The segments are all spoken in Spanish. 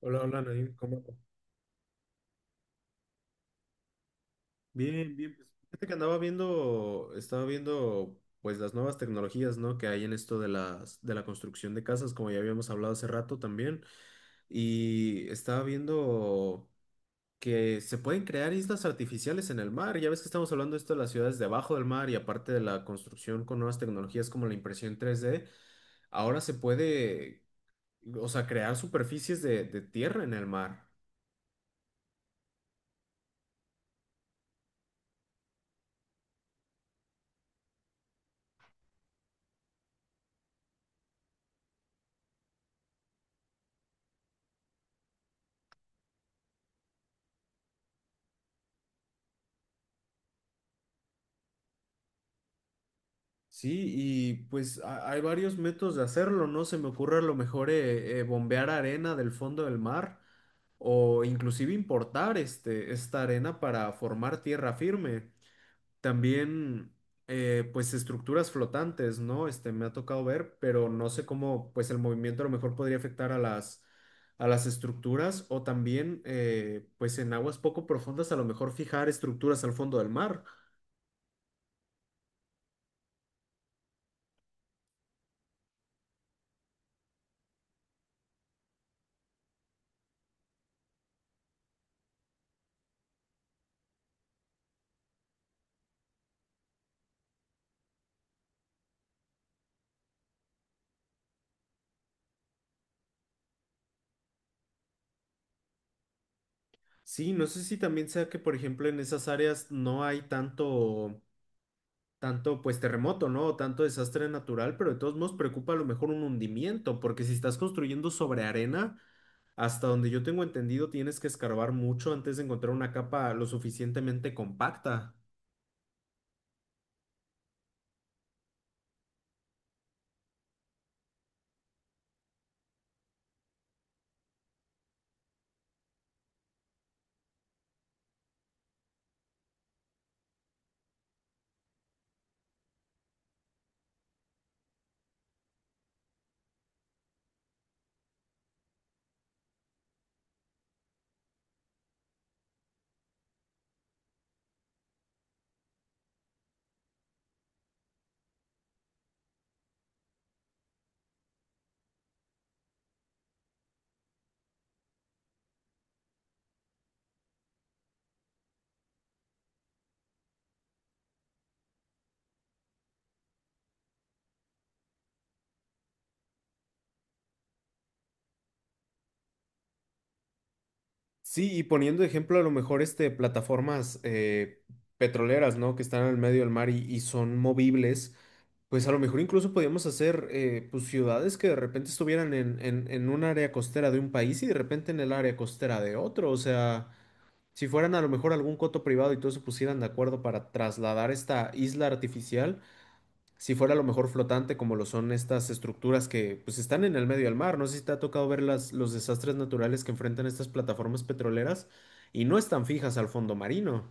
Hola, hola, Naim, ¿cómo andas? Bien, bien. Fíjate que estaba viendo pues las nuevas tecnologías, ¿no? Que hay en esto de la construcción de casas, como ya habíamos hablado hace rato también. Y estaba viendo que se pueden crear islas artificiales en el mar. Ya ves que estamos hablando de esto de las ciudades debajo del mar y aparte de la construcción con nuevas tecnologías como la impresión 3D, ahora se puede, o sea, crear superficies de tierra en el mar. Sí, y pues hay varios métodos de hacerlo, ¿no? Se me ocurre a lo mejor bombear arena del fondo del mar o inclusive importar esta arena para formar tierra firme. También pues estructuras flotantes, ¿no? Este me ha tocado ver, pero no sé cómo pues el movimiento a lo mejor podría afectar a las estructuras o también pues en aguas poco profundas a lo mejor fijar estructuras al fondo del mar. Sí, no sé si también sea que, por ejemplo, en esas áreas no hay tanto, pues, terremoto, ¿no? O tanto desastre natural, pero de todos modos preocupa a lo mejor un hundimiento, porque si estás construyendo sobre arena, hasta donde yo tengo entendido, tienes que escarbar mucho antes de encontrar una capa lo suficientemente compacta. Sí, y poniendo de ejemplo a lo mejor este plataformas petroleras, ¿no? Que están en el medio del mar y son movibles. Pues a lo mejor incluso podíamos hacer pues ciudades que de repente estuvieran en un área costera de un país y de repente en el área costera de otro. O sea, si fueran a lo mejor algún coto privado y todos se pusieran de acuerdo para trasladar esta isla artificial, si fuera a lo mejor flotante como lo son estas estructuras que pues están en el medio del mar. No sé si te ha tocado ver los desastres naturales que enfrentan estas plataformas petroleras y no están fijas al fondo marino.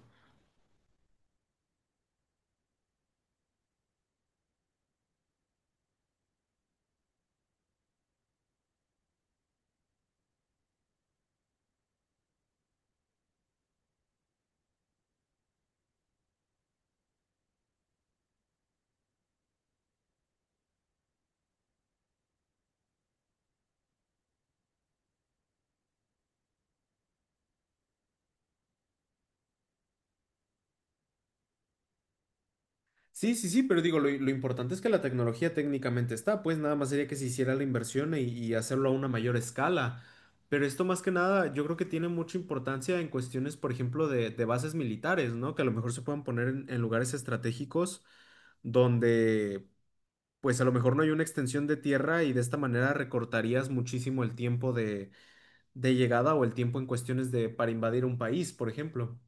Sí, sí, sí, pero digo, lo importante es que la tecnología técnicamente está, pues nada más sería que se hiciera la inversión y hacerlo a una mayor escala. Pero esto más que nada, yo creo que tiene mucha importancia en cuestiones, por ejemplo, de bases militares, ¿no? Que a lo mejor se puedan poner en lugares estratégicos donde, pues a lo mejor no hay una extensión de tierra y de esta manera recortarías muchísimo el tiempo de llegada o el tiempo en cuestiones de para invadir un país, por ejemplo.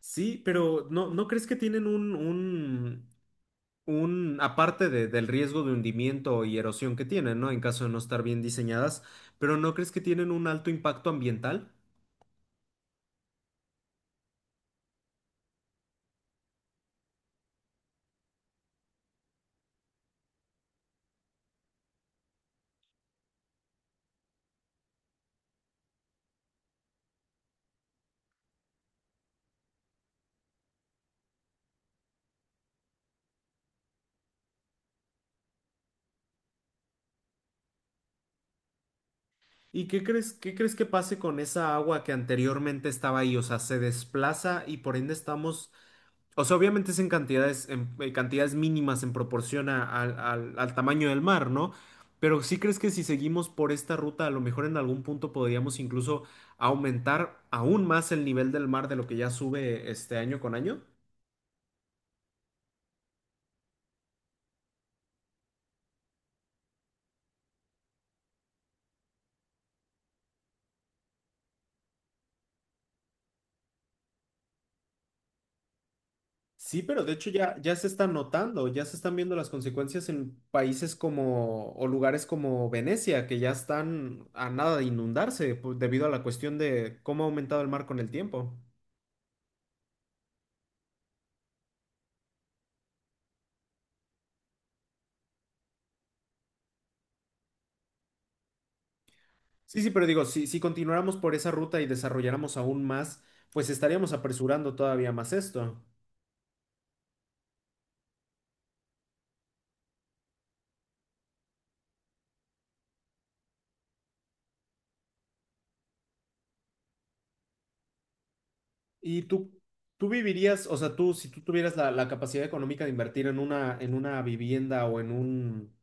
Sí, pero ¿no crees que tienen aparte del riesgo de hundimiento y erosión que tienen, ¿no? En caso de no estar bien diseñadas, pero ¿no crees que tienen un alto impacto ambiental? ¿Y qué crees que pase con esa agua que anteriormente estaba ahí? O sea, se desplaza y por ende estamos, o sea, obviamente es en en cantidades mínimas en proporción al tamaño del mar, ¿no? Pero ¿sí crees que si seguimos por esta ruta, a lo mejor en algún punto podríamos incluso aumentar aún más el nivel del mar de lo que ya sube este año con año? Sí, pero de hecho ya se está notando, ya se están viendo las consecuencias en países como o lugares como Venecia, que ya están a nada de inundarse debido a la cuestión de cómo ha aumentado el mar con el tiempo. Sí, sí, pero digo, si continuáramos por esa ruta y desarrolláramos aún más, pues estaríamos apresurando todavía más esto. ¿Y tú, tú vivirías, o sea, tú, si tú tuvieras la capacidad económica de invertir en una vivienda o en un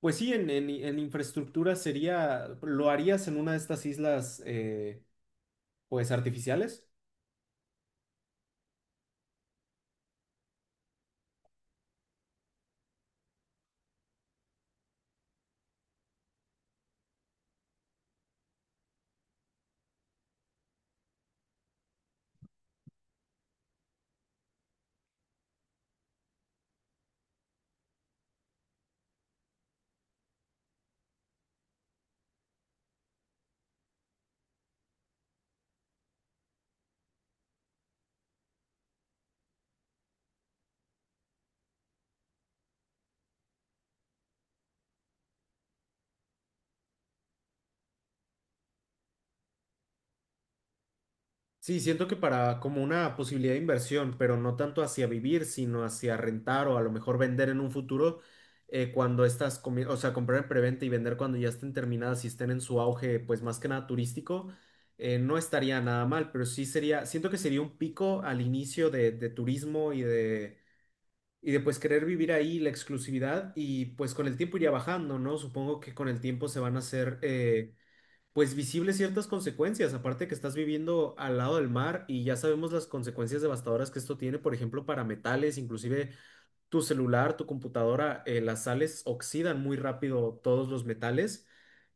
pues sí, en infraestructura sería, ¿lo harías en una de estas islas, pues artificiales? Sí, siento que para como una posibilidad de inversión, pero no tanto hacia vivir, sino hacia rentar o a lo mejor vender en un futuro, cuando estas, o sea, comprar en preventa y vender cuando ya estén terminadas y estén en su auge, pues más que nada turístico, no estaría nada mal, pero sí sería, siento que sería un pico al inicio de turismo y de pues querer vivir ahí la exclusividad y pues con el tiempo iría bajando, ¿no? Supongo que con el tiempo se van a hacer pues visibles ciertas consecuencias, aparte que estás viviendo al lado del mar y ya sabemos las consecuencias devastadoras que esto tiene, por ejemplo, para metales, inclusive tu celular, tu computadora, las sales oxidan muy rápido todos los metales.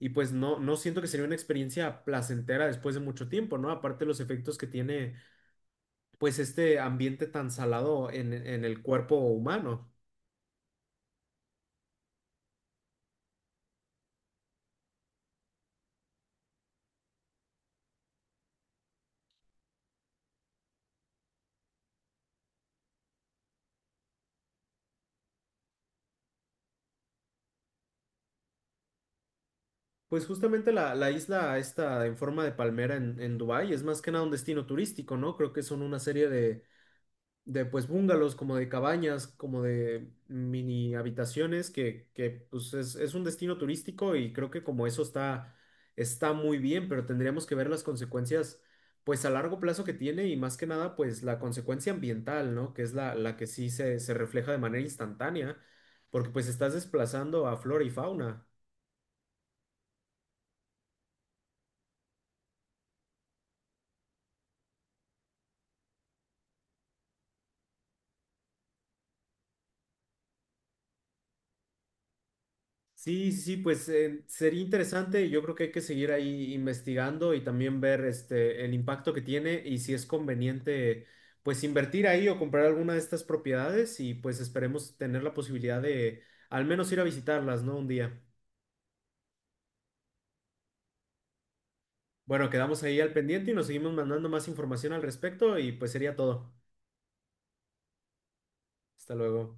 Y pues no, no siento que sería una experiencia placentera después de mucho tiempo, ¿no? Aparte los efectos que tiene pues este ambiente tan salado en el cuerpo humano. Pues justamente la isla está en forma de palmera en Dubái es más que nada un destino turístico, ¿no? Creo que son una serie de pues bungalows, como de cabañas, como de mini habitaciones, que pues es un destino turístico y creo que como eso está, está muy bien, pero tendríamos que ver las consecuencias pues a largo plazo que tiene y más que nada pues la consecuencia ambiental, ¿no? Que es la que sí se refleja de manera instantánea, porque pues estás desplazando a flora y fauna. Sí, sí, sí, pues sería interesante. Yo creo que hay que seguir ahí investigando y también ver este, el impacto que tiene y si es conveniente, pues invertir ahí o comprar alguna de estas propiedades y pues esperemos tener la posibilidad de al menos ir a visitarlas, ¿no? Un día. Bueno, quedamos ahí al pendiente y nos seguimos mandando más información al respecto y pues sería todo. Hasta luego.